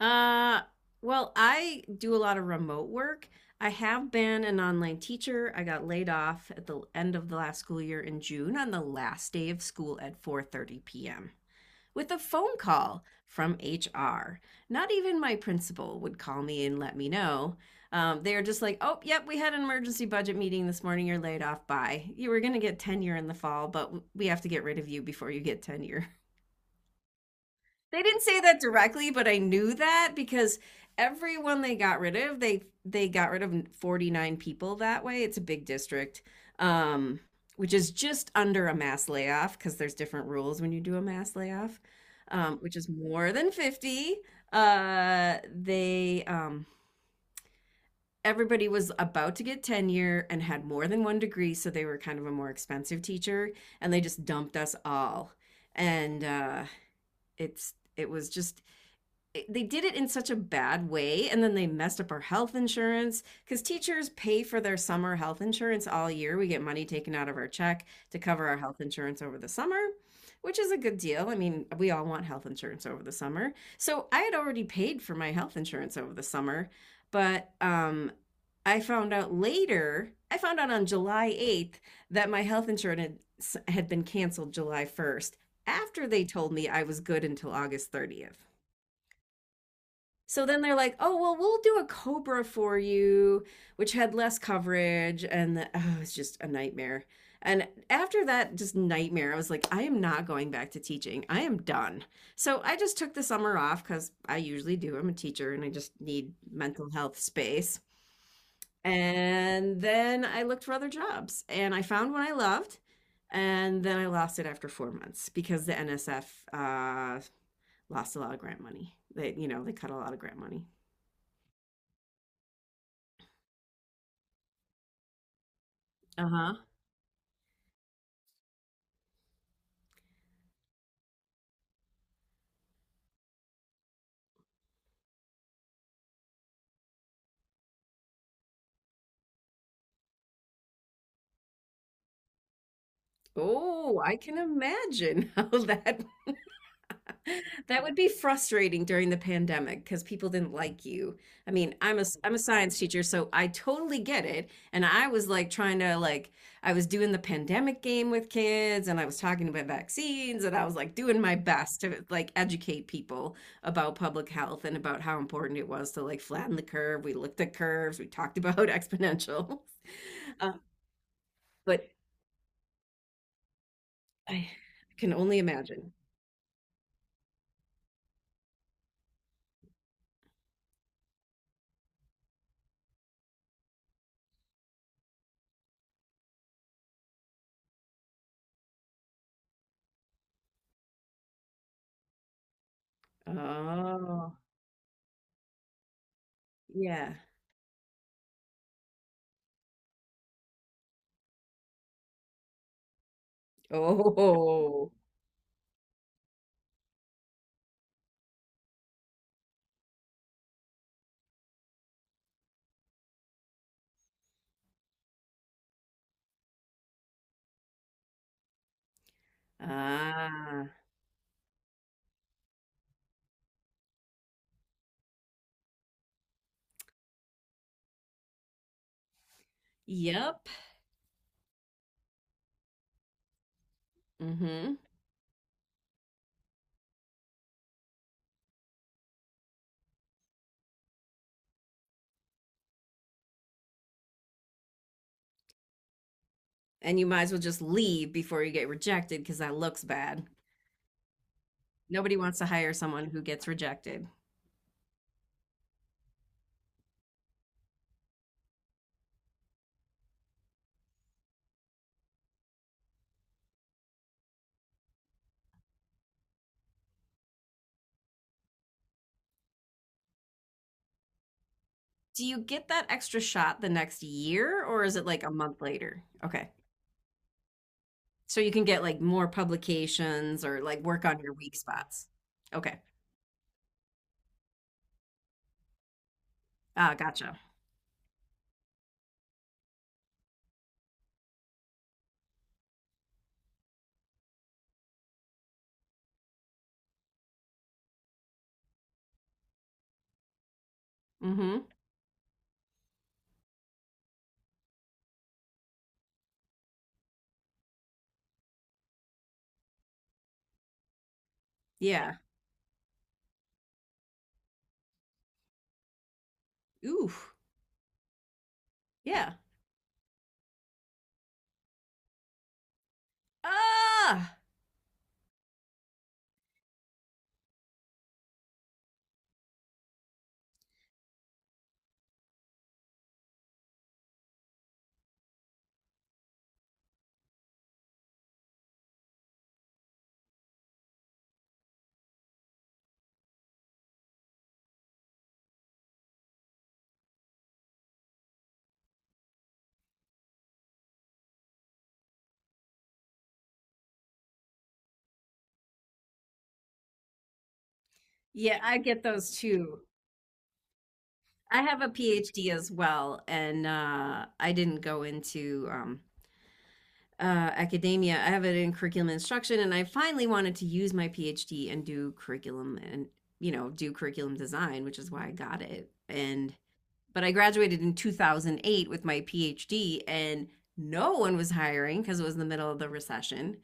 Uh, well, I do a lot of remote work. I have been an online teacher. I got laid off at the end of the last school year in June on the last day of school at 4:30 p.m. with a phone call from HR. Not even my principal would call me and let me know. They are just like, "Oh, yep, we had an emergency budget meeting this morning. You're laid off. Bye. You were going to get tenure in the fall, but we have to get rid of you before you get tenure." They didn't say that directly, but I knew that because everyone they got rid of, they got rid of 49 people that way. It's a big district. Um, which is just under a mass layoff because there's different rules when you do a mass layoff, which is more than 50. They everybody was about to get tenure and had more than one degree, so they were kind of a more expensive teacher, and they just dumped us all. And it's it was just they did it in such a bad way, and then they messed up our health insurance because teachers pay for their summer health insurance all year. We get money taken out of our check to cover our health insurance over the summer, which is a good deal. I mean, we all want health insurance over the summer. So I had already paid for my health insurance over the summer, but I found out later, I found out on july 8th that my health insurance had been canceled july 1st after they told me I was good until august 30th. So then they're like, "Oh, well, we'll do a Cobra for you," which had less coverage, and oh, it's just a nightmare. And after that, just nightmare. I was like, "I am not going back to teaching. I am done." So I just took the summer off because I usually do. I'm a teacher, and I just need mental health space. And then I looked for other jobs, and I found one I loved, and then I lost it after 4 months because the NSF uh, lost a lot of grant money. They cut a lot of grant money. Uh-huh. Oh, I can imagine how that would be frustrating during the pandemic because people didn't like you. I mean, I'm a science teacher, so I totally get it. And I was like trying to, like, I was doing the pandemic game with kids, and I was talking about vaccines, and I was like doing my best to, like, educate people about public health and about how important it was to, like, flatten the curve. We looked at curves, we talked about exponentials. Uh, but I can only imagine. Oh, yeah. Oh, ah, yep. Mm-hmm. And you might as well just leave before you get rejected because that looks bad. Nobody wants to hire someone who gets rejected. Do you get that extra shot the next year or is it like a month later? Okay. So you can get like more publications or like work on your weak spots. Okay. Ah, gotcha. Mm-hmm. Yeah. Ooh. Yeah. Ah. Yeah, I get those too. I have a PhD as well, and I didn't go into academia. I have it in curriculum instruction, and I finally wanted to use my PhD and do curriculum and, do curriculum design, which is why I got it. But I graduated in 2008 with my PhD, and no one was hiring because it was the middle of the recession.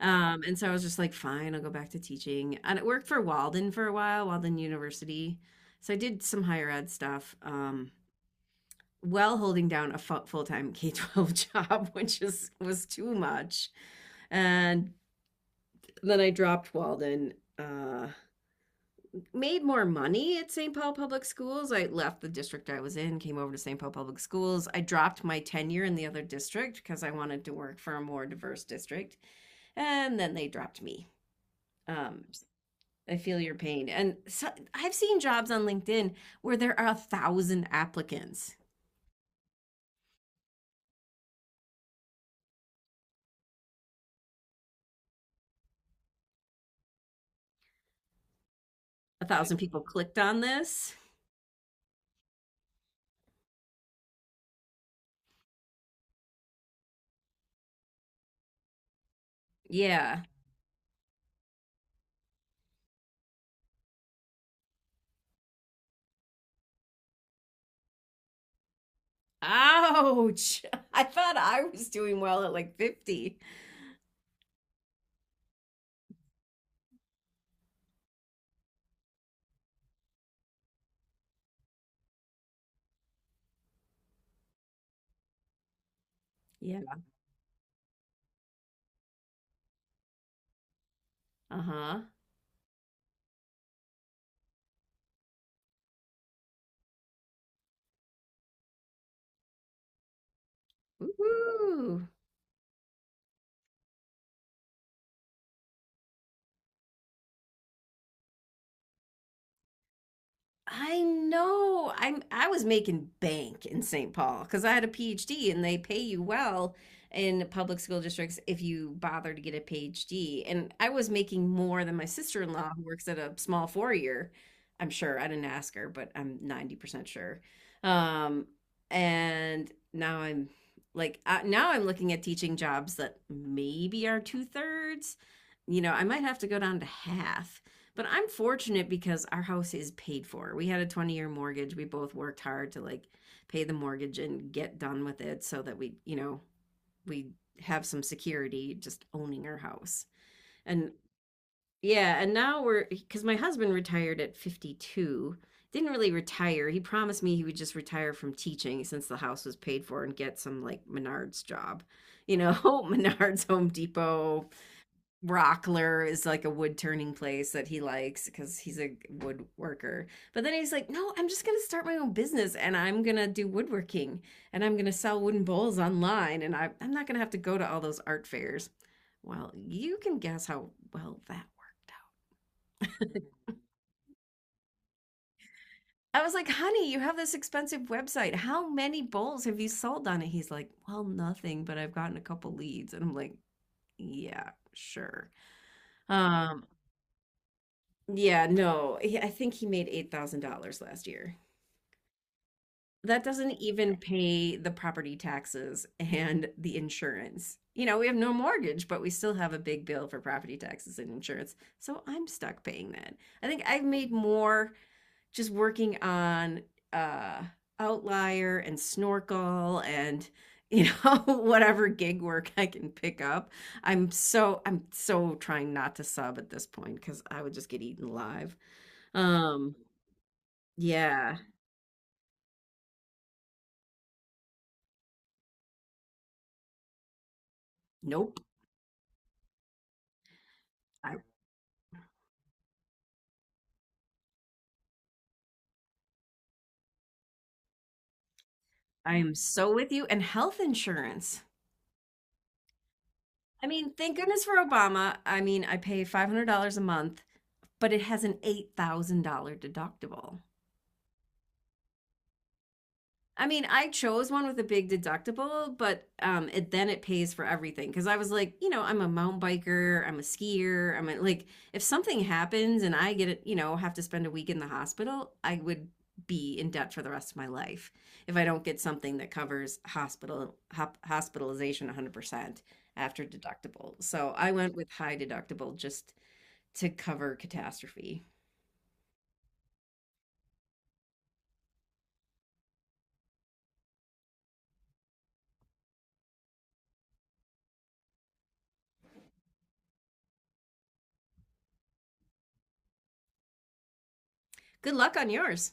And so I was just like, fine, I'll go back to teaching. And it worked for Walden for a while, Walden University. So I did some higher ed stuff. While holding down a full time K K-12 job, which was too much. And then I dropped Walden. Made more money at St. Paul Public Schools. I left the district I was in, came over to St. Paul Public Schools. I dropped my tenure in the other district because I wanted to work for a more diverse district. And then they dropped me. Um, I feel your pain. And so I've seen jobs on LinkedIn where there are a thousand applicants, a thousand people clicked on this. Yeah. Ouch. I thought I was doing well at like 50. Yeah. Uh huh. Woo. I know. I was making bank in St. Paul because I had a PhD and they pay you well in public school districts if you bother to get a PhD. And I was making more than my sister-in-law who works at a small four-year. I'm sure. I didn't ask her, but I'm 90% sure. Um, and now I'm looking at teaching jobs that maybe are two-thirds. You know, I might have to go down to half, but I'm fortunate because our house is paid for. We had a 20-year mortgage. We both worked hard to like pay the mortgage and get done with it so that we have some security just owning our house. And, yeah, and now we're, because my husband retired at 52. Didn't really retire. He promised me he would just retire from teaching since the house was paid for and get some like Menards job. You know, Menards, Home Depot, Rockler is like a wood turning place that he likes because he's a woodworker. But then he's like, no, I'm just going to start my own business and I'm going to do woodworking and I'm going to sell wooden bowls online, and I'm not going to have to go to all those art fairs. Well, you can guess how well that worked out. I was like, honey, you have this expensive website. How many bowls have you sold on it? He's like, well, nothing, but I've gotten a couple leads. And I'm like, yeah, sure. Um, Yeah, no. I think he made $8,000 last year. That doesn't even pay the property taxes and the insurance. You know, we have no mortgage, but we still have a big bill for property taxes and insurance. So I'm stuck paying that. I think I've made more just working on uh Outlier and Snorkel and whatever gig work I can pick up. I'm so trying not to sub at this point because I would just get eaten alive. Um yeah. Nope. I I am so with you. And health insurance. I mean, thank goodness for Obama. I mean, I pay $500 a month, but it has an $8,000 deductible. I mean, I chose one with a big deductible, but it then it pays for everything because I was like, I'm a mountain biker, I'm a skier, I'm a, like, if something happens and I get it, have to spend a week in the hospital, I would be in debt for the rest of my life if I don't get something that covers hospitalization 100% after deductible. So I went with high deductible just to cover catastrophe. Good luck on yours.